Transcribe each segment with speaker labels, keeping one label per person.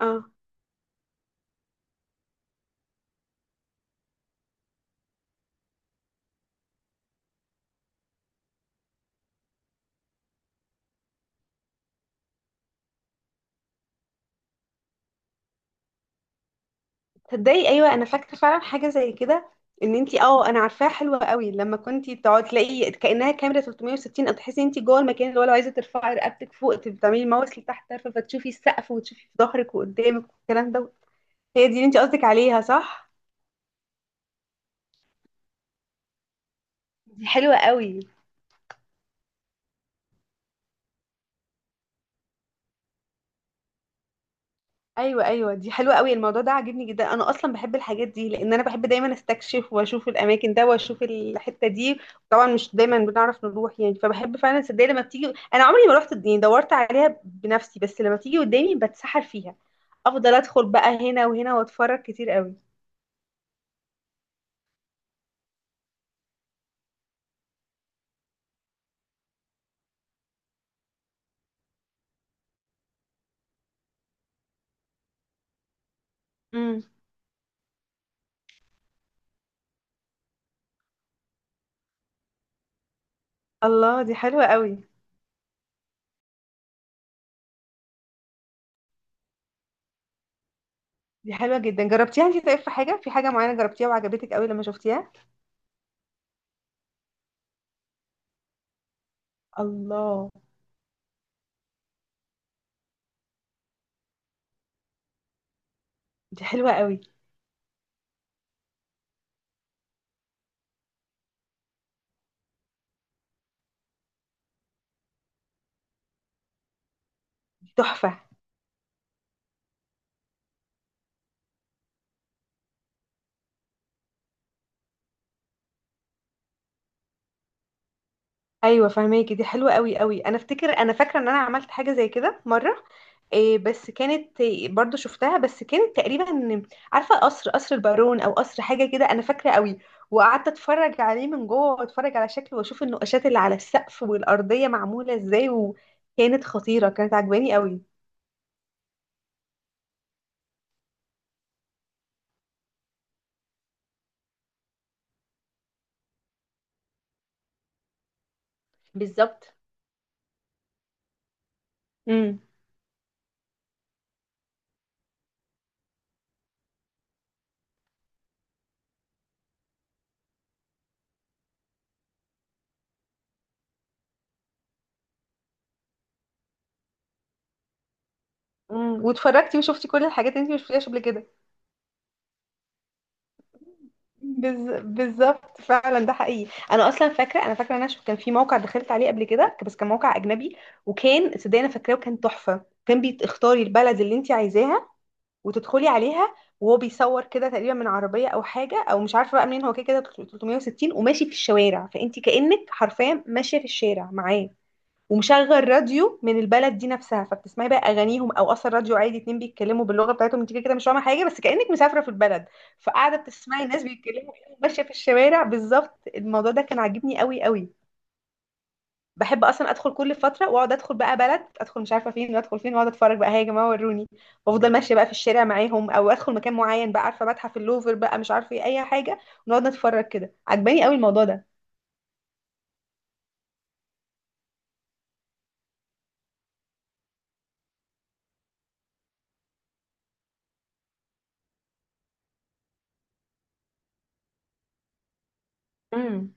Speaker 1: اه تصدقي، ايوه انا فاكره فعلا حاجه زي كده. ان انتي انا عارفاها حلوه قوي. لما كنتي تقعدي تلاقي كانها كاميرا 360، او تحسي انتي جوه المكان، اللي هو لو عايزه ترفعي رقبتك فوق تبقي بتعملي ماوس لتحت طرفه فتشوفي السقف وتشوفي في ظهرك وقدامك والكلام ده. هي دي اللي انتي قصدك عليها صح؟ دي حلوة قوي. ايوه ايوه، دي حلوه قوي. الموضوع ده عاجبني جدا، انا اصلا بحب الحاجات دي لان انا بحب دايما استكشف واشوف الاماكن ده واشوف الحته دي. طبعا مش دايما بنعرف نروح يعني، فبحب فعلا صدق لما بتيجي. انا عمري ما رحت يعني دورت عليها بنفسي، بس لما بتيجي قدامي بتسحر فيها. افضل ادخل بقى هنا وهنا واتفرج كتير قوي. امم. الله، دي حلوه قوي. دي حلوه جدا، جربتيها انت؟ طيب في حاجه معينه جربتيها وعجبتك قوي لما شفتيها؟ الله. دي حلوه قوي دي تحفه. ايوه فهماكي، دي حلوه قوي قوي. انا افتكر، انا فاكره ان انا عملت حاجه زي كده مره. إيه بس كانت إيه، برضو شفتها بس كانت تقريبا، عارفه قصر البارون او قصر حاجه كده، انا فاكره قوي. وقعدت اتفرج عليه من جوه واتفرج على شكله واشوف النقاشات اللي على السقف والارضيه معموله ازاي، وكانت خطيره، كانت عجباني قوي. بالظبط. امم. امم، واتفرجتي وشفتي كل الحاجات اللي انت مش شفتيهاش قبل كده. بالظبط فعلا، ده حقيقي. انا اصلا فاكره، انا فاكره إن انا شو كان في موقع دخلت عليه قبل كده بس كان موقع اجنبي. وكان صدقني انا فاكراه، وكان تحفه. كان بتختاري البلد اللي انت عايزاها وتدخلي عليها، وهو بيصور كده تقريبا من عربيه او حاجه، او مش عارفه بقى منين هو، كده كده 360 وماشي في الشوارع، فانت كانك حرفيا ماشيه في الشارع معاه. ومشغل راديو من البلد دي نفسها، فبتسمعي بقى اغانيهم او اصلا راديو عادي اتنين بيتكلموا باللغه بتاعتهم، انت كده كده مش فاهمه حاجه، بس كانك مسافره في البلد. فقاعده بتسمعي ناس بيتكلموا كأنك ماشيه في الشوارع بالظبط. الموضوع ده كان عاجبني قوي قوي. بحب اصلا ادخل كل فتره واقعد ادخل بقى بلد، ادخل مش عارفه فين وادخل فين، واقعد اتفرج بقى هي يا جماعه وروني. وافضل ماشيه بقى في الشارع معاهم، او ادخل مكان معين بقى، عارفه متحف اللوفر بقى مش عارفه ايه، اي حاجه. ونقعد نتفرج كده، عجباني قوي الموضوع ده. امم.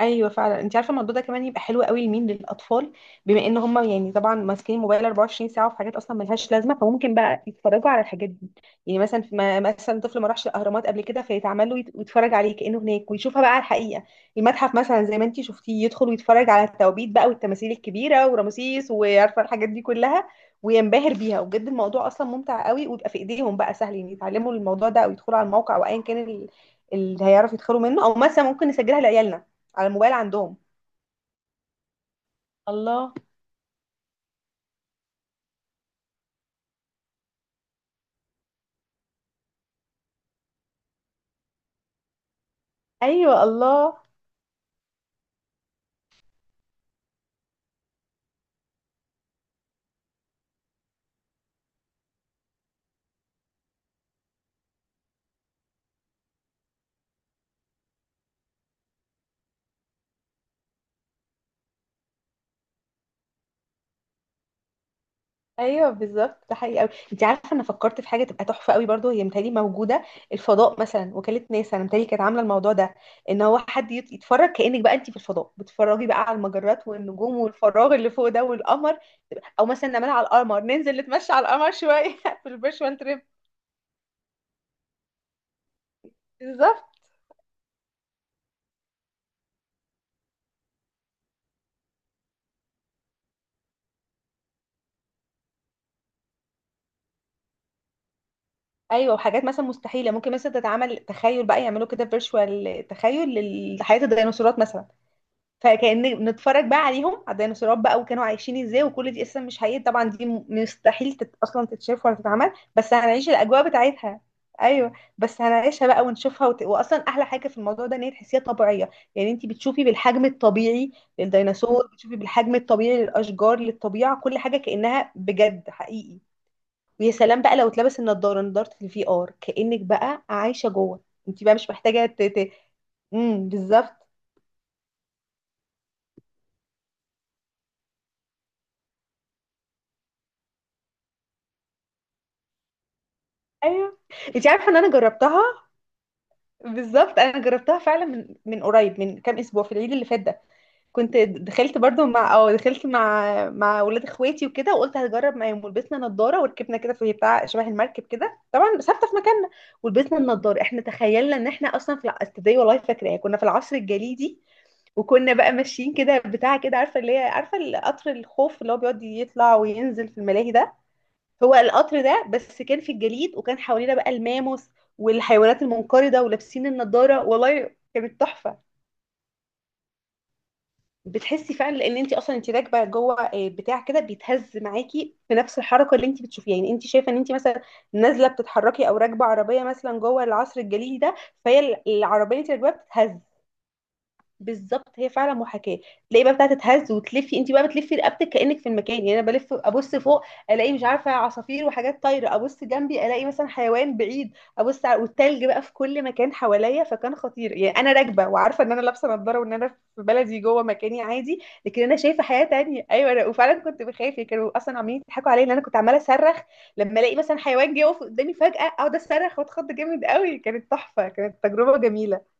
Speaker 1: ايوه فعلا. انت عارفه الموضوع ده كمان يبقى حلو قوي لمين؟ للاطفال. بما ان هم يعني طبعا ماسكين الموبايل 24 ساعه وفي حاجات اصلا ملهاش لازمه، فممكن بقى يتفرجوا على الحاجات دي. يعني مثلا ما مثلا طفل ما راحش الاهرامات قبل كده فيتعمل له ويتفرج عليه كانه هناك ويشوفها بقى على الحقيقه. المتحف مثلا زي ما انت شفتيه، يدخل ويتفرج على التوابيت بقى والتماثيل الكبيره ورمسيس وعارفه الحاجات دي كلها، وينبهر بيها. وبجد الموضوع اصلا ممتع قوي، ويبقى في ايديهم بقى سهل يعني يتعلموا الموضوع ده او يدخلوا على الموقع او ايا كان اللي هيعرف يدخلوا منه، او مثلا ممكن نسجلها لعيالنا على الموبايل عندهم. الله. ايوه. الله. ايوه بالظبط، ده حقيقي قوي. انت عارفه انا فكرت في حاجه تبقى تحفه قوي برضو هي متهيألي موجوده، الفضاء مثلا. وكاله ناسا انا متهيألي كانت عامله الموضوع ده، ان هو حد يتفرج كانك بقى انت في الفضاء، بتتفرجي بقى على المجرات والنجوم والفراغ اللي فوق ده والقمر. او مثلا نعملها على القمر، ننزل نتمشى على القمر شويه في الفيرشوال تريب. بالظبط. ايوه، وحاجات مثلا مستحيله ممكن مثلا تتعمل، تخيل بقى يعملوا كده فيرشوال، تخيل لحياه الديناصورات مثلا. فكأن نتفرج بقى عليهم، على الديناصورات بقى، وكانوا عايشين ازاي. وكل دي قصة مش حقيقية طبعا، دي مستحيل اصلا تتشاف ولا تتعمل، بس هنعيش الاجواء بتاعتها. ايوه بس هنعيشها بقى ونشوفها واصلا احلى حاجة في الموضوع ده ان هي تحسيها طبيعية. يعني انت بتشوفي بالحجم الطبيعي للديناصور، بتشوفي بالحجم الطبيعي للاشجار، للطبيعة، كل حاجة كأنها بجد حقيقي. ويا سلام بقى لو اتلبس النضارة، نضارة الفي ار، كأنك بقى عايشة جوه. انت بقى مش محتاجة امم، بالظبط. ايوه انت عارفه ان انا جربتها. بالظبط، انا جربتها فعلا من قريب، من كام اسبوع، في العيد اللي فات ده. كنت دخلت برضو مع دخلت مع ولاد اخواتي وكده، وقلت هجرب معاهم. ولبسنا نضاره وركبنا كده في بتاع شبه المركب كده، طبعا ثابته في مكاننا. ولبسنا النضاره، احنا تخيلنا ان احنا اصلا في تصدقي والله فاكراها، كنا في العصر الجليدي. وكنا بقى ماشيين كده بتاع كده، عارفه اللي هي، عارفه القطر الخوف اللي هو بيقعد يطلع وينزل في الملاهي ده. هو القطر ده، بس كان في الجليد، وكان حوالينا بقى الماموس والحيوانات المنقرضه، ولابسين النضاره. والله كانت تحفه. بتحسي فعلا لان انت اصلا انت راكبه جوه آه، بتاع كده بيتهز معاكي في نفس الحركه اللي انت بتشوفيها. يعني انت شايفه ان انت مثلا نازله بتتحركي، او راكبه عربيه مثلا جوه العصر الجليدي ده. فهي العربيه اللي انت راكباها بتتهز. بالظبط، هي فعلا محاكاه. تلاقي بقى بتاعه تتهز وتلفي، انت بقى بتلفي رقبتك كانك في المكان. يعني انا بلف ابص فوق، الاقي مش عارفه عصافير وحاجات طايره، ابص جنبي الاقي مثلا حيوان بعيد، ابص على والتلج بقى في كل مكان حواليا. فكان خطير يعني، انا راكبه وعارفه ان انا لابسه نظاره وان انا في بلدي جوه مكاني عادي، لكن انا شايفه حياه تانية. ايوه انا وفعلا كنت بخاف، يعني كانوا اصلا عمالين يضحكوا عليا ان انا كنت عماله اصرخ لما الاقي مثلا حيوان جه يقف قدامي فجاه، اقعد اصرخ واتخض جامد قوي. كانت تحفه، كانت تجربه جميله.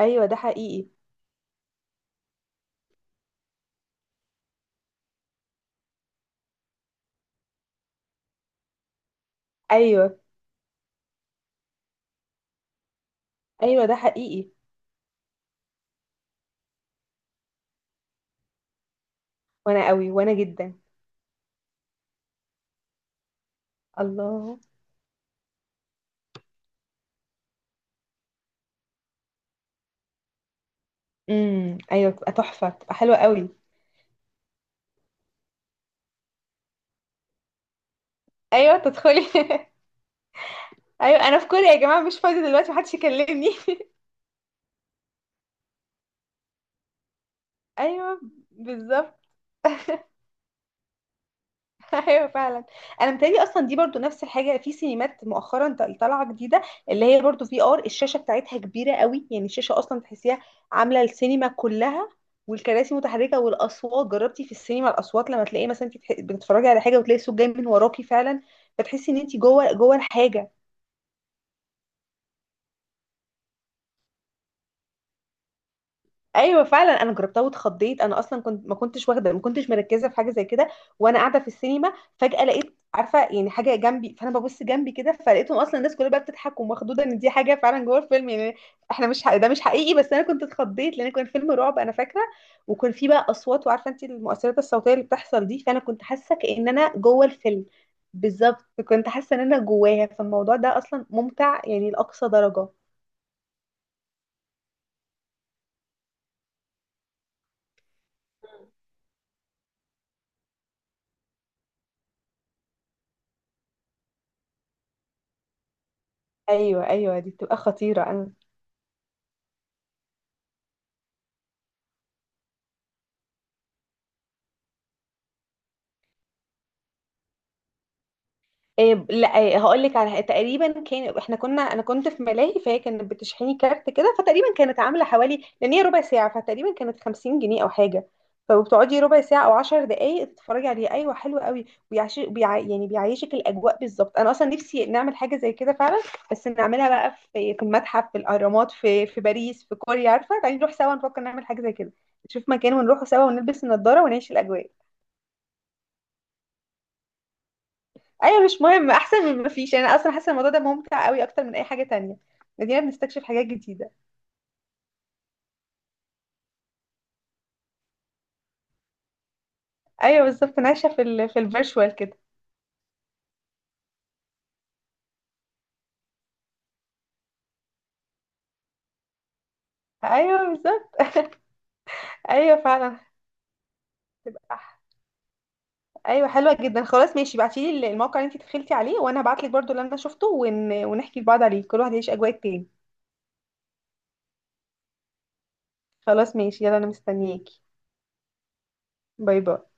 Speaker 1: ايوه ده حقيقي. ايوه ايوه، ده حقيقي. وانا قوي وانا جدا. الله. امم. ايوه بتبقى تحفه، بتبقى حلوه قوي. ايوه تدخلي. ايوه انا في كوريا يا جماعه، مش فاضيه دلوقتي محدش يكلمني. ايوه بالظبط. ايوه فعلا. انا متهيألي اصلا دي برضو نفس الحاجه في سينمات مؤخرا طالعه جديده، اللي هي برضو في ار. الشاشه بتاعتها كبيره قوي، يعني الشاشه اصلا تحسيها عامله السينما كلها. والكراسي متحركه والاصوات، جربتي في السينما الاصوات لما تلاقي مثلا انت بتتفرجي على حاجه وتلاقي الصوت جاي من وراكي فعلا، فتحسي ان انت جوه الحاجه. ايوه فعلا انا جربتها واتخضيت. انا اصلا كنت ما كنتش واخده، ما كنتش مركزه في حاجه زي كده وانا قاعده في السينما. فجاه لقيت، عارفه يعني، حاجه جنبي، فانا ببص جنبي كده فلقيتهم اصلا الناس كلها بقى بتضحك ومخضوضه، ان دي حاجه فعلا جوه الفيلم يعني. احنا مش ده مش حقيقي، بس انا كنت اتخضيت لان كان فيلم رعب انا فاكره. وكان فيه بقى اصوات، وعارفه انت المؤثرات الصوتيه اللي بتحصل دي، فانا كنت حاسه كأن انا جوه الفيلم. بالظبط، كنت حاسه ان انا جواها. فالموضوع ده اصلا ممتع يعني لاقصى درجه. ايوه ايوه، دي بتبقى خطيره. انا إيه، لا هقول لك على، تقريبا كان احنا كنا، انا كنت في ملاهي فهي كانت بتشحني كارت كده، فتقريبا كانت عامله حوالي، لان هي ربع ساعه، فتقريبا كانت 50 جنيه او حاجه. فبتقعدي ربع ساعه او 10 دقائق تتفرجي عليه. ايوه حلو قوي، يعني بيعيشك الاجواء بالظبط. انا اصلا نفسي نعمل حاجه زي كده فعلا. بس نعملها بقى في المتحف، في الاهرامات، في باريس، في كوريا، عارفه تعالي نروح سوا، نفكر نعمل حاجه زي كده. نشوف مكان ونروحوا سوا، ونلبس النضاره ونعيش الاجواء. ايوه مش مهم، احسن من ما فيش يعني. انا اصلا حاسه الموضوع ده ممتع قوي اكتر من اي حاجه تانية. بدينا بنستكشف حاجات جديده. ايوه بالظبط، أنا عايشه في ال في الفيرتشوال كده. ايوه بالظبط. ايوه فعلا. هتبقى ح- ايوه حلوه جدا. خلاص ماشي، ابعتي لي الموقع اللي انت دخلتي عليه، وانا هبعت لك برضو اللي انا شفته ونحكي لبعض عليه، كل واحد يعيش اجواء التاني. خلاص ماشي، يلا انا مستنياكي. باي باي.